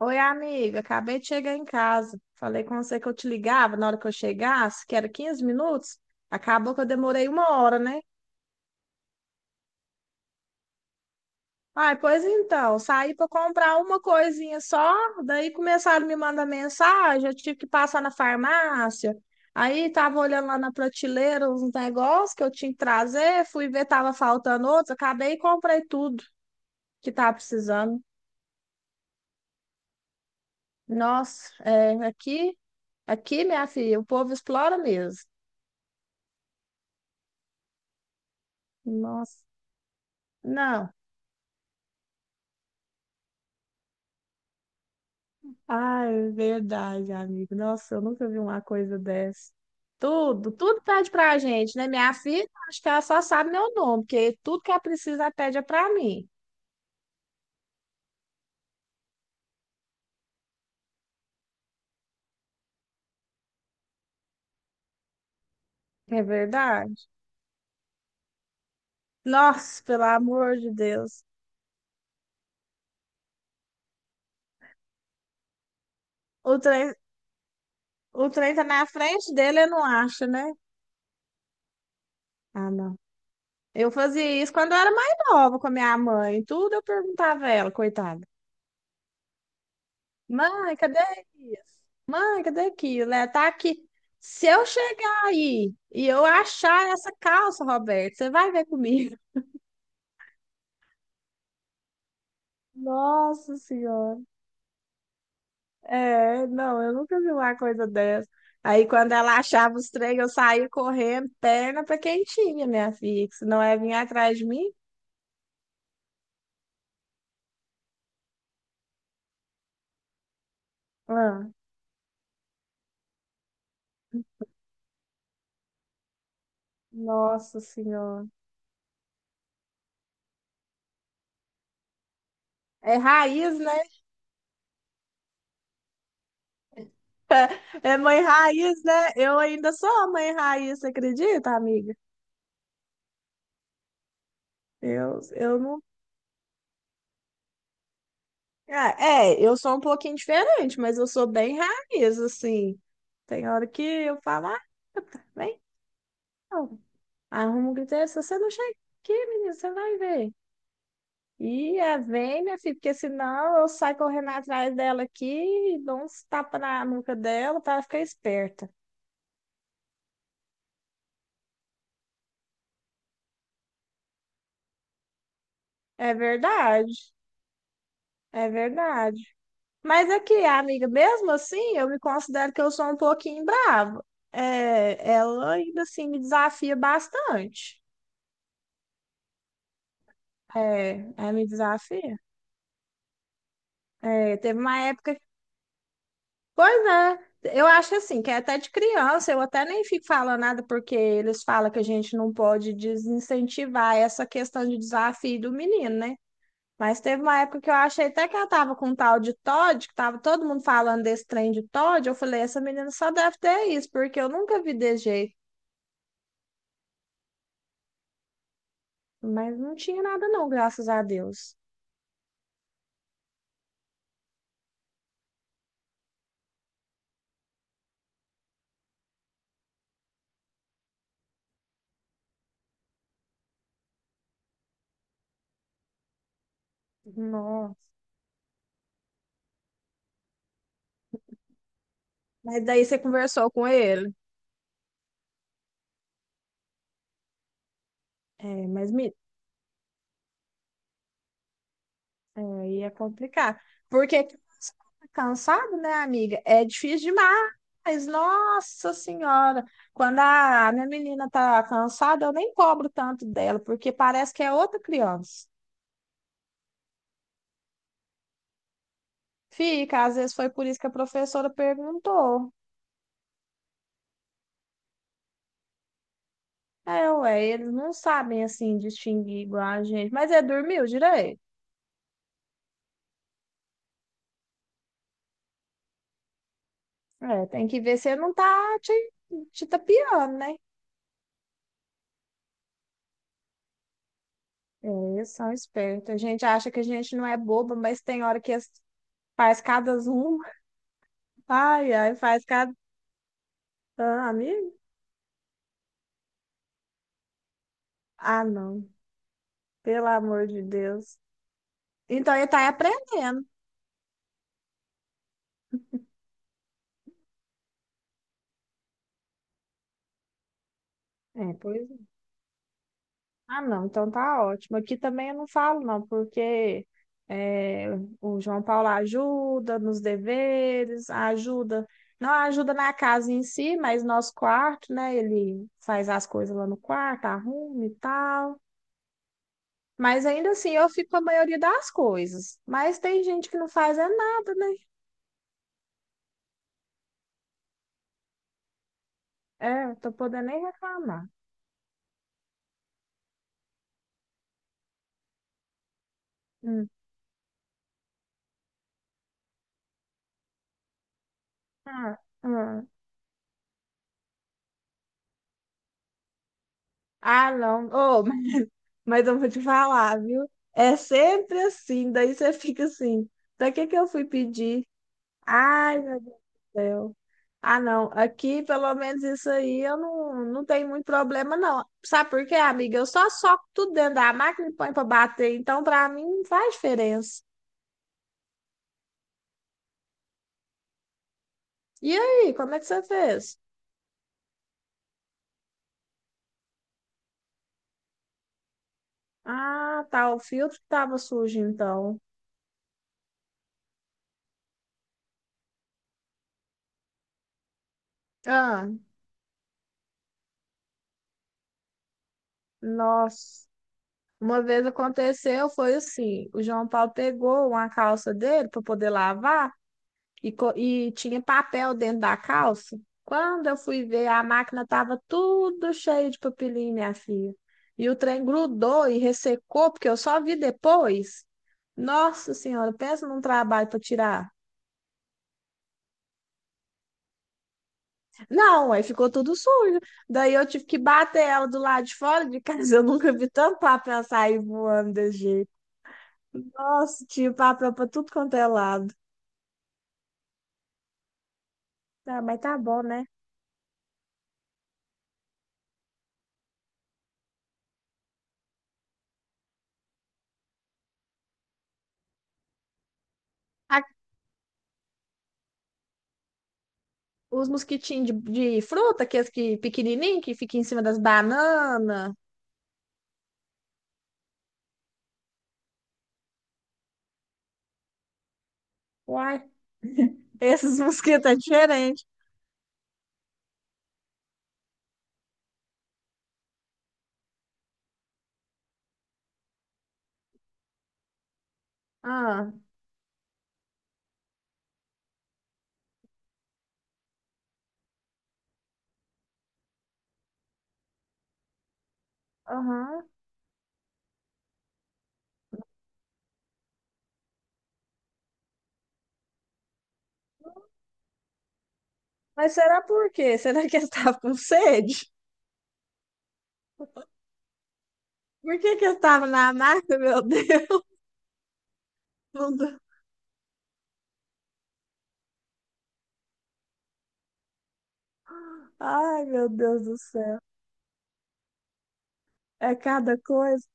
Oi, amiga, acabei de chegar em casa. Falei com você que eu te ligava na hora que eu chegasse, que era 15 minutos. Acabou que eu demorei uma hora, né? Ai, pois então, saí para comprar uma coisinha só, daí começaram a me mandar mensagem, eu tive que passar na farmácia. Aí tava olhando lá na prateleira uns negócios que eu tinha que trazer, fui ver tava faltando outros, acabei e comprei tudo que tava precisando. Nossa, é, aqui, minha filha, o povo explora mesmo. Nossa. Não. Ah, é verdade, amigo. Nossa, eu nunca vi uma coisa dessa. Tudo pede pra gente, né? Minha filha, acho que ela só sabe meu nome, porque tudo que ela precisa, ela pede é pra mim. É verdade? Nossa, pelo amor de Deus. O trem, o trem tá na frente dele, eu não acho, né? Ah, não. Eu fazia isso quando eu era mais nova com a minha mãe. Tudo eu perguntava a ela, coitada. Mãe, cadê isso? Mãe, cadê aquilo? Né? Tá aqui. Se eu chegar aí e eu achar essa calça, Roberto, você vai ver comigo. Nossa Senhora. É, não, eu nunca vi uma coisa dessa. Aí, quando ela achava os trem, eu saía correndo, perna pra quem tinha, minha filha. Que se não é vir atrás de mim, ah, nossa Senhora. É raiz, né? É mãe raiz, né? Eu ainda sou a mãe raiz, você acredita, amiga? Eu não Ah, é, eu sou um pouquinho diferente, mas eu sou bem raiz, assim. Tem hora que eu falo, ah, vem, não. Arruma um griteiro, se você não chega aqui, menino, você vai ver. E é, vem, minha filha, porque senão eu saio correndo atrás dela aqui e dou uns tapas na nuca dela para ela ficar esperta. É verdade, é verdade. Mas aqui, amiga, mesmo assim, eu me considero que eu sou um pouquinho brava. É, ela ainda assim me desafia bastante. É, é me desafia. É, teve uma época. Pois é, eu acho assim, que é até de criança, eu até nem fico falando nada, porque eles falam que a gente não pode desincentivar essa questão de desafio do menino, né? Mas teve uma época que eu achei até que ela tava com um tal de Todd, que tava todo mundo falando desse trem de Todd, eu falei, essa menina só deve ter isso, porque eu nunca vi desse jeito. Mas não tinha nada não, graças a Deus. Nossa. Mas daí você conversou com ele. É, mas me- É, ia complicar. Porque cansado, né, amiga? É difícil demais. Nossa Senhora! Quando a minha menina tá cansada, eu nem cobro tanto dela, porque parece que é outra criança. Fica, às vezes foi por isso que a professora perguntou. É, ué, eles não sabem assim distinguir igual a gente. Mas é, dormiu direito? É, tem que ver se não tá te tapeando, né? É, eles são espertos. A gente acha que a gente não é boba, mas tem hora que as- Faz cada zoom. Ai, ai, faz cada. Ah, amigo? Ah, não. Pelo amor de Deus. Então ele tá aprendendo. É, pois é. Ah, não. Então tá ótimo. Aqui também eu não falo, não, porque é, o João Paulo ajuda nos deveres, ajuda. Não ajuda na casa em si, mas nosso quarto, né? Ele faz as coisas lá no quarto, arruma e tal. Mas ainda assim eu fico com a maioria das coisas. Mas tem gente que não faz é nada, né? É, não tô podendo nem reclamar. Hum. Ah, ah. Ah, não. Oh, mas eu vou te falar, viu? É sempre assim, daí você fica assim. Pra que que eu fui pedir? Ai, meu Deus do céu. Ah, não. Aqui, pelo menos isso aí, eu não, não tenho muito problema, não. Sabe por quê, amiga? Eu só soco tudo dentro da máquina e ponho pra bater. Então, pra mim, não faz diferença. E aí, como é que você fez? Ah, tá. O filtro que tava sujo, então. Ah, nossa. Uma vez aconteceu, foi assim, o João Paulo pegou uma calça dele para poder lavar e, e tinha papel dentro da calça. Quando eu fui ver, a máquina estava tudo cheio de papelinho, minha filha. E o trem grudou e ressecou, porque eu só vi depois. Nossa Senhora, pensa num trabalho para tirar. Não, aí ficou tudo sujo. Daí eu tive que bater ela do lado de fora de casa. Eu nunca vi tanto papel sair voando desse jeito. Nossa, tinha papel para tudo quanto é lado. Ah, mas tá bom, né? A- os mosquitinhos de fruta, aqueles que pequenininho, que fica em cima das bananas. Uai, esses mosquitos é diferente. Ah, aham. Mas será por quê? Será que eles estavam com sede? Por que que eles estavam na mata, meu Deus? Ai, meu Deus do céu. É cada coisa.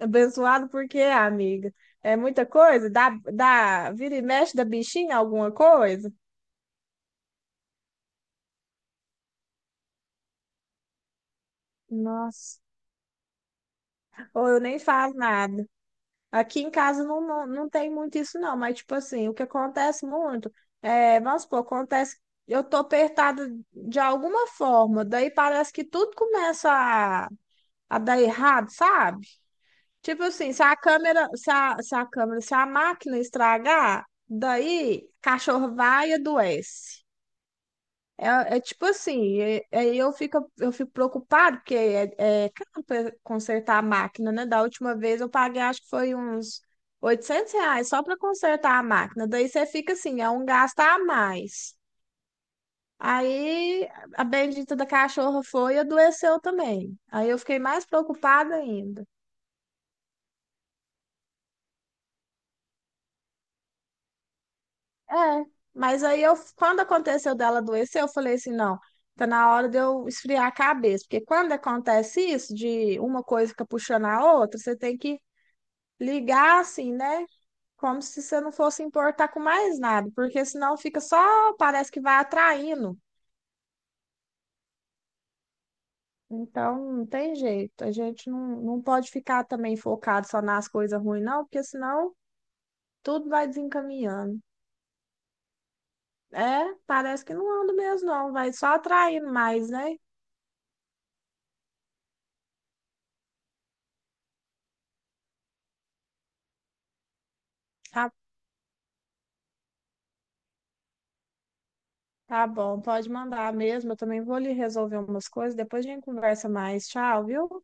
Abençoado por quê, amiga? É muita coisa? Dá, vira e mexe da bichinha alguma coisa? Nossa, ou eu nem falo nada. Aqui em casa não, não tem muito isso, não, mas tipo assim, o que acontece muito é, vamos supor, acontece, eu tô apertada de alguma forma, daí parece que tudo começa a dar errado, sabe? Tipo assim, se a câmera, se a, se a câmera, se a máquina estragar, daí cachorro vai e adoece. É, é tipo assim, aí eu fico preocupado porque é, é caro pra consertar a máquina, né? Da última vez eu paguei, acho que foi uns R$ 800 só para consertar a máquina. Daí você fica assim, é um gasto a mais. Aí a bendita da cachorra foi e adoeceu também. Aí eu fiquei mais preocupada ainda. É, mas aí eu, quando aconteceu dela adoecer, eu falei assim, não, tá na hora de eu esfriar a cabeça, porque quando acontece isso, de uma coisa fica puxando a outra, você tem que ligar assim, né? Como se você não fosse importar com mais nada, porque senão fica só, parece que vai atraindo. Então, não tem jeito. A gente não, não pode ficar também focado só nas coisas ruins, não, porque senão tudo vai desencaminhando. É, parece que não anda mesmo, não, vai só atraindo mais, né? Tá bom, pode mandar mesmo. Eu também vou lhe resolver umas coisas. Depois a gente conversa mais. Tchau, viu?